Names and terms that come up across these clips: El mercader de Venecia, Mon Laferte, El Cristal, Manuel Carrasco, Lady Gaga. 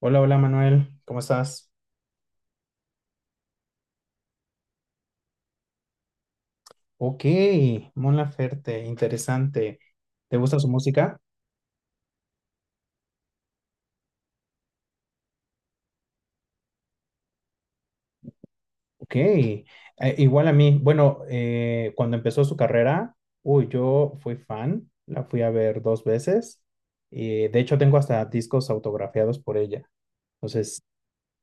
Hola, hola Manuel, ¿cómo estás? Ok, Mon Laferte, interesante. ¿Te gusta su música? Ok, igual a mí. Bueno, cuando empezó su carrera, uy, yo fui fan, la fui a ver dos veces y de hecho tengo hasta discos autografiados por ella. Entonces,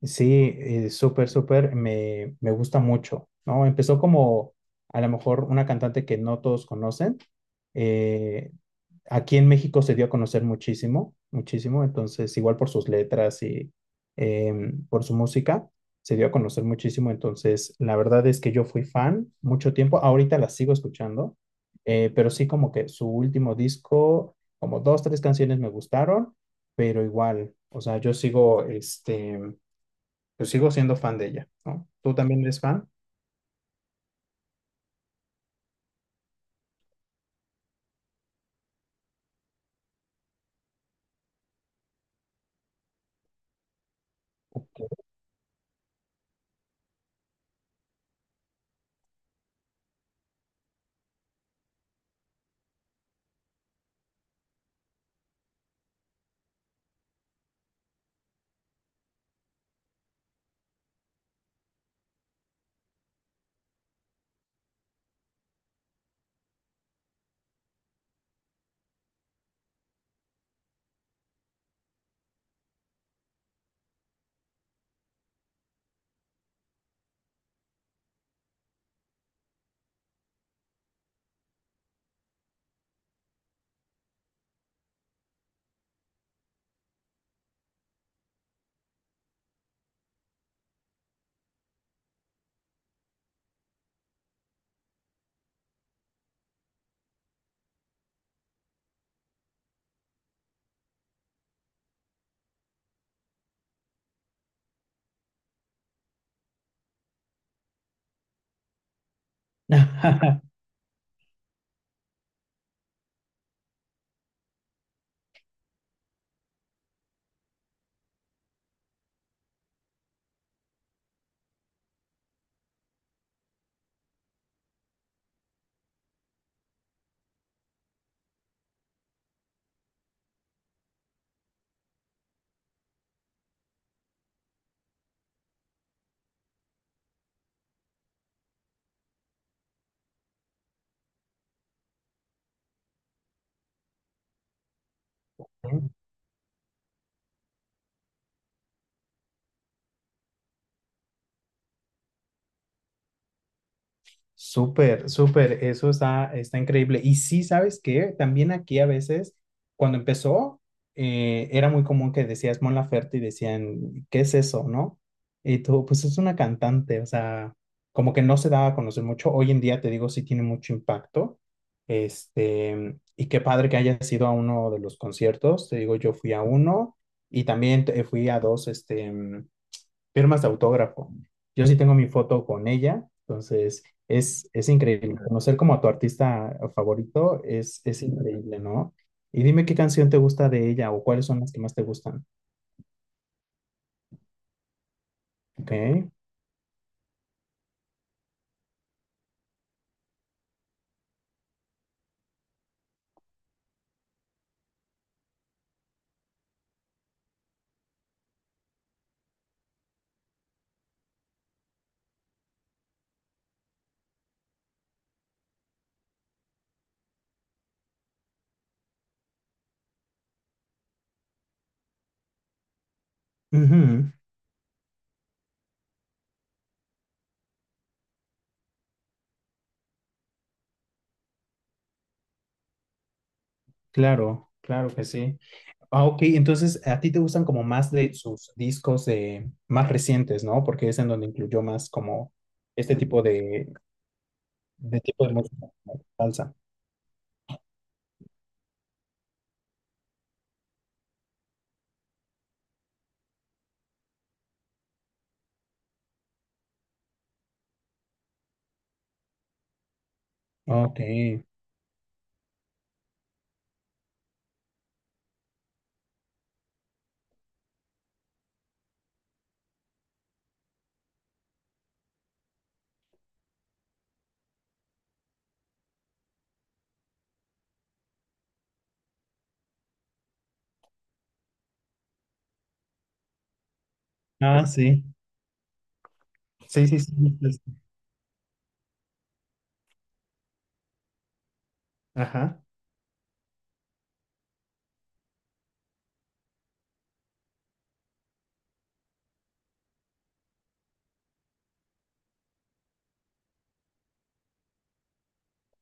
sí, súper, súper, me gusta mucho, ¿no? Empezó como a lo mejor una cantante que no todos conocen. eh, Aquí en México se dio a conocer muchísimo, muchísimo, entonces igual por sus letras y eh, por su música, se dio a conocer muchísimo. Entonces, la verdad es que yo fui fan mucho tiempo, ahorita la sigo escuchando, pero sí, como que su último disco, como dos, tres canciones me gustaron, pero igual, o sea, yo sigo siendo fan de ella, ¿no? ¿Tú también eres fan? Ok. Súper, súper, eso está increíble. Y sí, ¿sabes qué? También aquí a veces, cuando empezó, era muy común que decías Mon Laferte y decían, ¿qué es eso, no? Y tú, pues es una cantante, o sea, como que no se daba a conocer mucho. Hoy en día, te digo, sí tiene mucho impacto. Y qué padre que hayas ido a uno de los conciertos. Te digo, yo fui a uno y también fui a dos, firmas de autógrafo. Yo sí tengo mi foto con ella, entonces es increíble. Conocer como a tu artista favorito es increíble, ¿no? Y dime qué canción te gusta de ella o cuáles son las que más te gustan. Ok. Ujú. Claro, claro que sí. Ah, ok, entonces a ti te gustan como más de sus discos, de más recientes, ¿no? Porque es en donde incluyó más como este tipo de tipo de música, como salsa. Ok. Ah, sí. Sí, sí, sí. Ajá.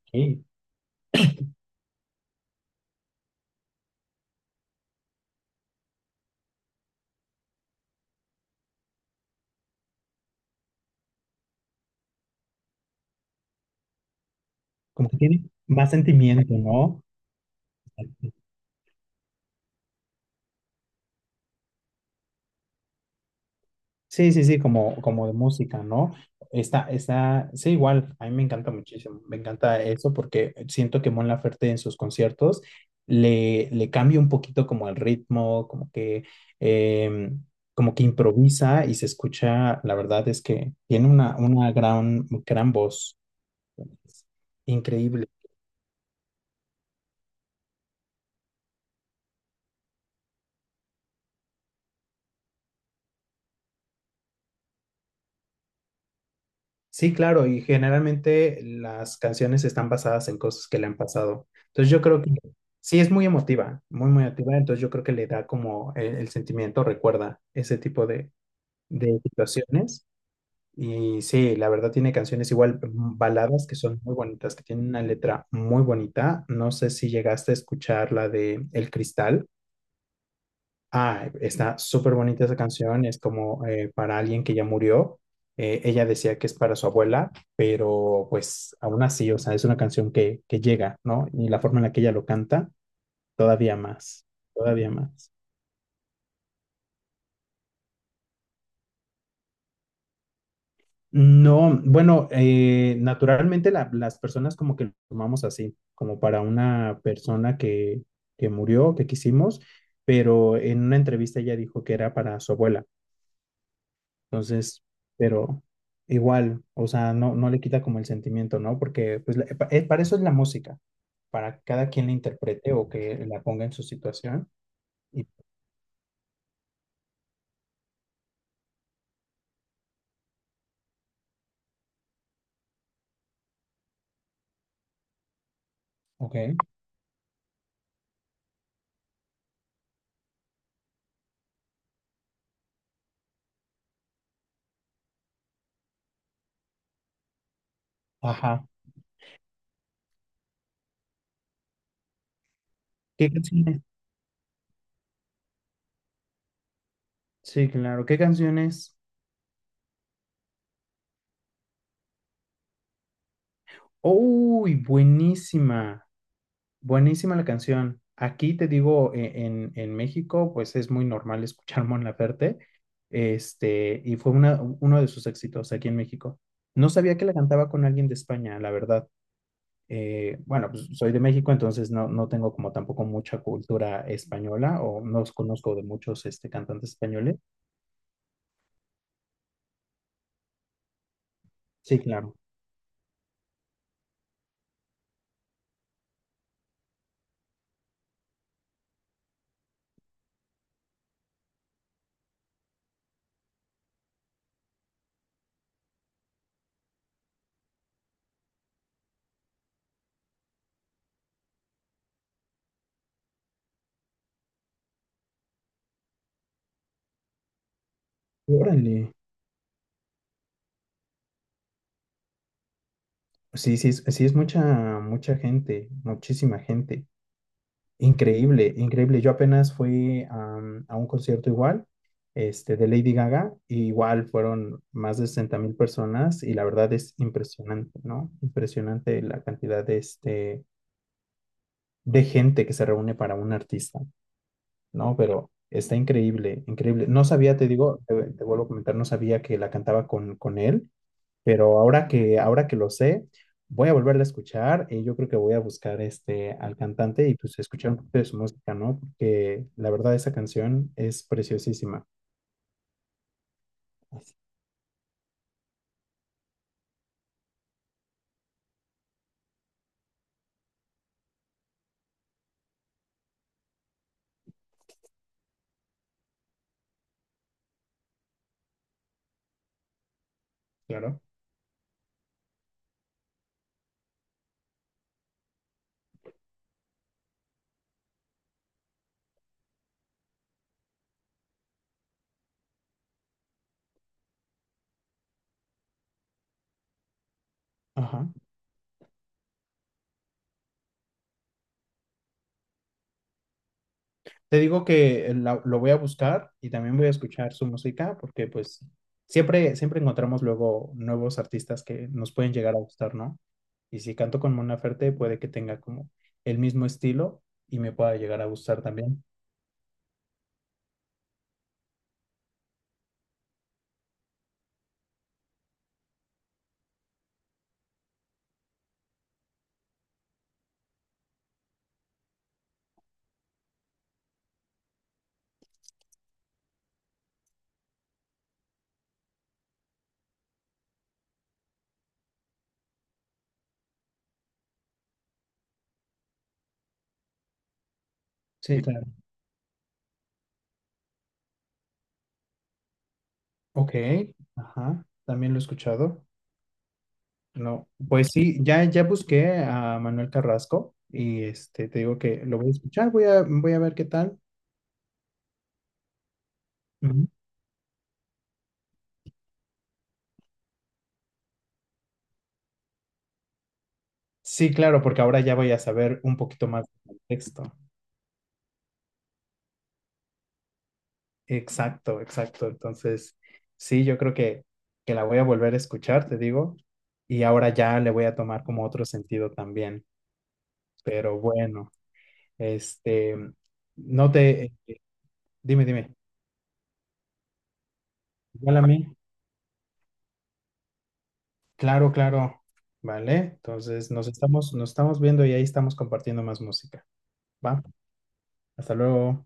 Ok. Como que tiene más sentimiento, ¿no? Sí, sí, sí, como de música, ¿no? Está, sí, igual, a mí me encanta muchísimo, me encanta eso porque siento que Mon Laferte en sus conciertos le cambia un poquito como el ritmo, eh, como que improvisa y se escucha. La verdad es que tiene una gran, gran voz, increíble. Sí, claro, y generalmente las canciones están basadas en cosas que le han pasado. Entonces yo creo que sí es muy emotiva, muy, muy emotiva. Entonces yo creo que le da como el sentimiento, recuerda ese tipo de situaciones. Y sí, la verdad tiene canciones igual, baladas que son muy bonitas, que tienen una letra muy bonita. No sé si llegaste a escuchar la de El Cristal. Ah, está súper bonita esa canción, es como para alguien que ya murió. Ella decía que es para su abuela, pero pues aún así, o sea, es una canción que llega, ¿no? Y la forma en la que ella lo canta, todavía más, todavía más. No, bueno, naturalmente las personas como que lo tomamos así, como para una persona que murió, que quisimos, pero en una entrevista ella dijo que era para su abuela. Entonces, pero igual, o sea, no, no le quita como el sentimiento, ¿no? Porque pues, para eso es la música, para que cada quien la interprete o que la ponga en su situación. Y, ok, ajá. ¿Qué canciones? Sí, claro, ¿qué canciones? ¡Uy, buenísima! Buenísima la canción. Aquí te digo, en México, pues es muy normal escuchar Mon Laferte, y fue uno de sus éxitos aquí en México. No sabía que la cantaba con alguien de España, la verdad. Bueno, pues soy de México, entonces no, no tengo como tampoco mucha cultura española o no os conozco de muchos, cantantes españoles. Sí, claro. Órale. Sí, sí, sí, es mucha, mucha gente, muchísima gente. Increíble, increíble. Yo apenas fui a un concierto igual, de Lady Gaga, y igual fueron más de 60.000 personas y la verdad es impresionante, ¿no? Impresionante la cantidad de gente que se reúne para un artista. No, pero está increíble, increíble. No sabía, te digo, te vuelvo a comentar, no sabía que la cantaba con él, pero ahora que lo sé, voy a volverla a escuchar y yo creo que voy a buscar, al cantante, y pues escuchar un poquito de su música, ¿no? Porque la verdad esa canción es preciosísima. Claro. Ajá. Te digo que lo voy a buscar y también voy a escuchar su música, porque pues siempre, siempre encontramos luego nuevos artistas que nos pueden llegar a gustar, ¿no? Y si canto con Mon Laferte, puede que tenga como el mismo estilo y me pueda llegar a gustar también. Sí, claro. Ok, ajá, también lo he escuchado. No, pues sí, ya, ya busqué a Manuel Carrasco y, te digo que lo voy a escuchar, voy a ver qué tal. Ujú. Sí, claro, porque ahora ya voy a saber un poquito más del contexto. Exacto, exacto. Entonces, sí, yo creo que la voy a volver a escuchar, te digo, y ahora ya le voy a tomar como otro sentido también. Pero bueno, este, no te, dime, dime, igual a mí, claro, claro, ¿vale? Entonces, nos estamos viendo y ahí estamos compartiendo más música, ¿va? Hasta luego.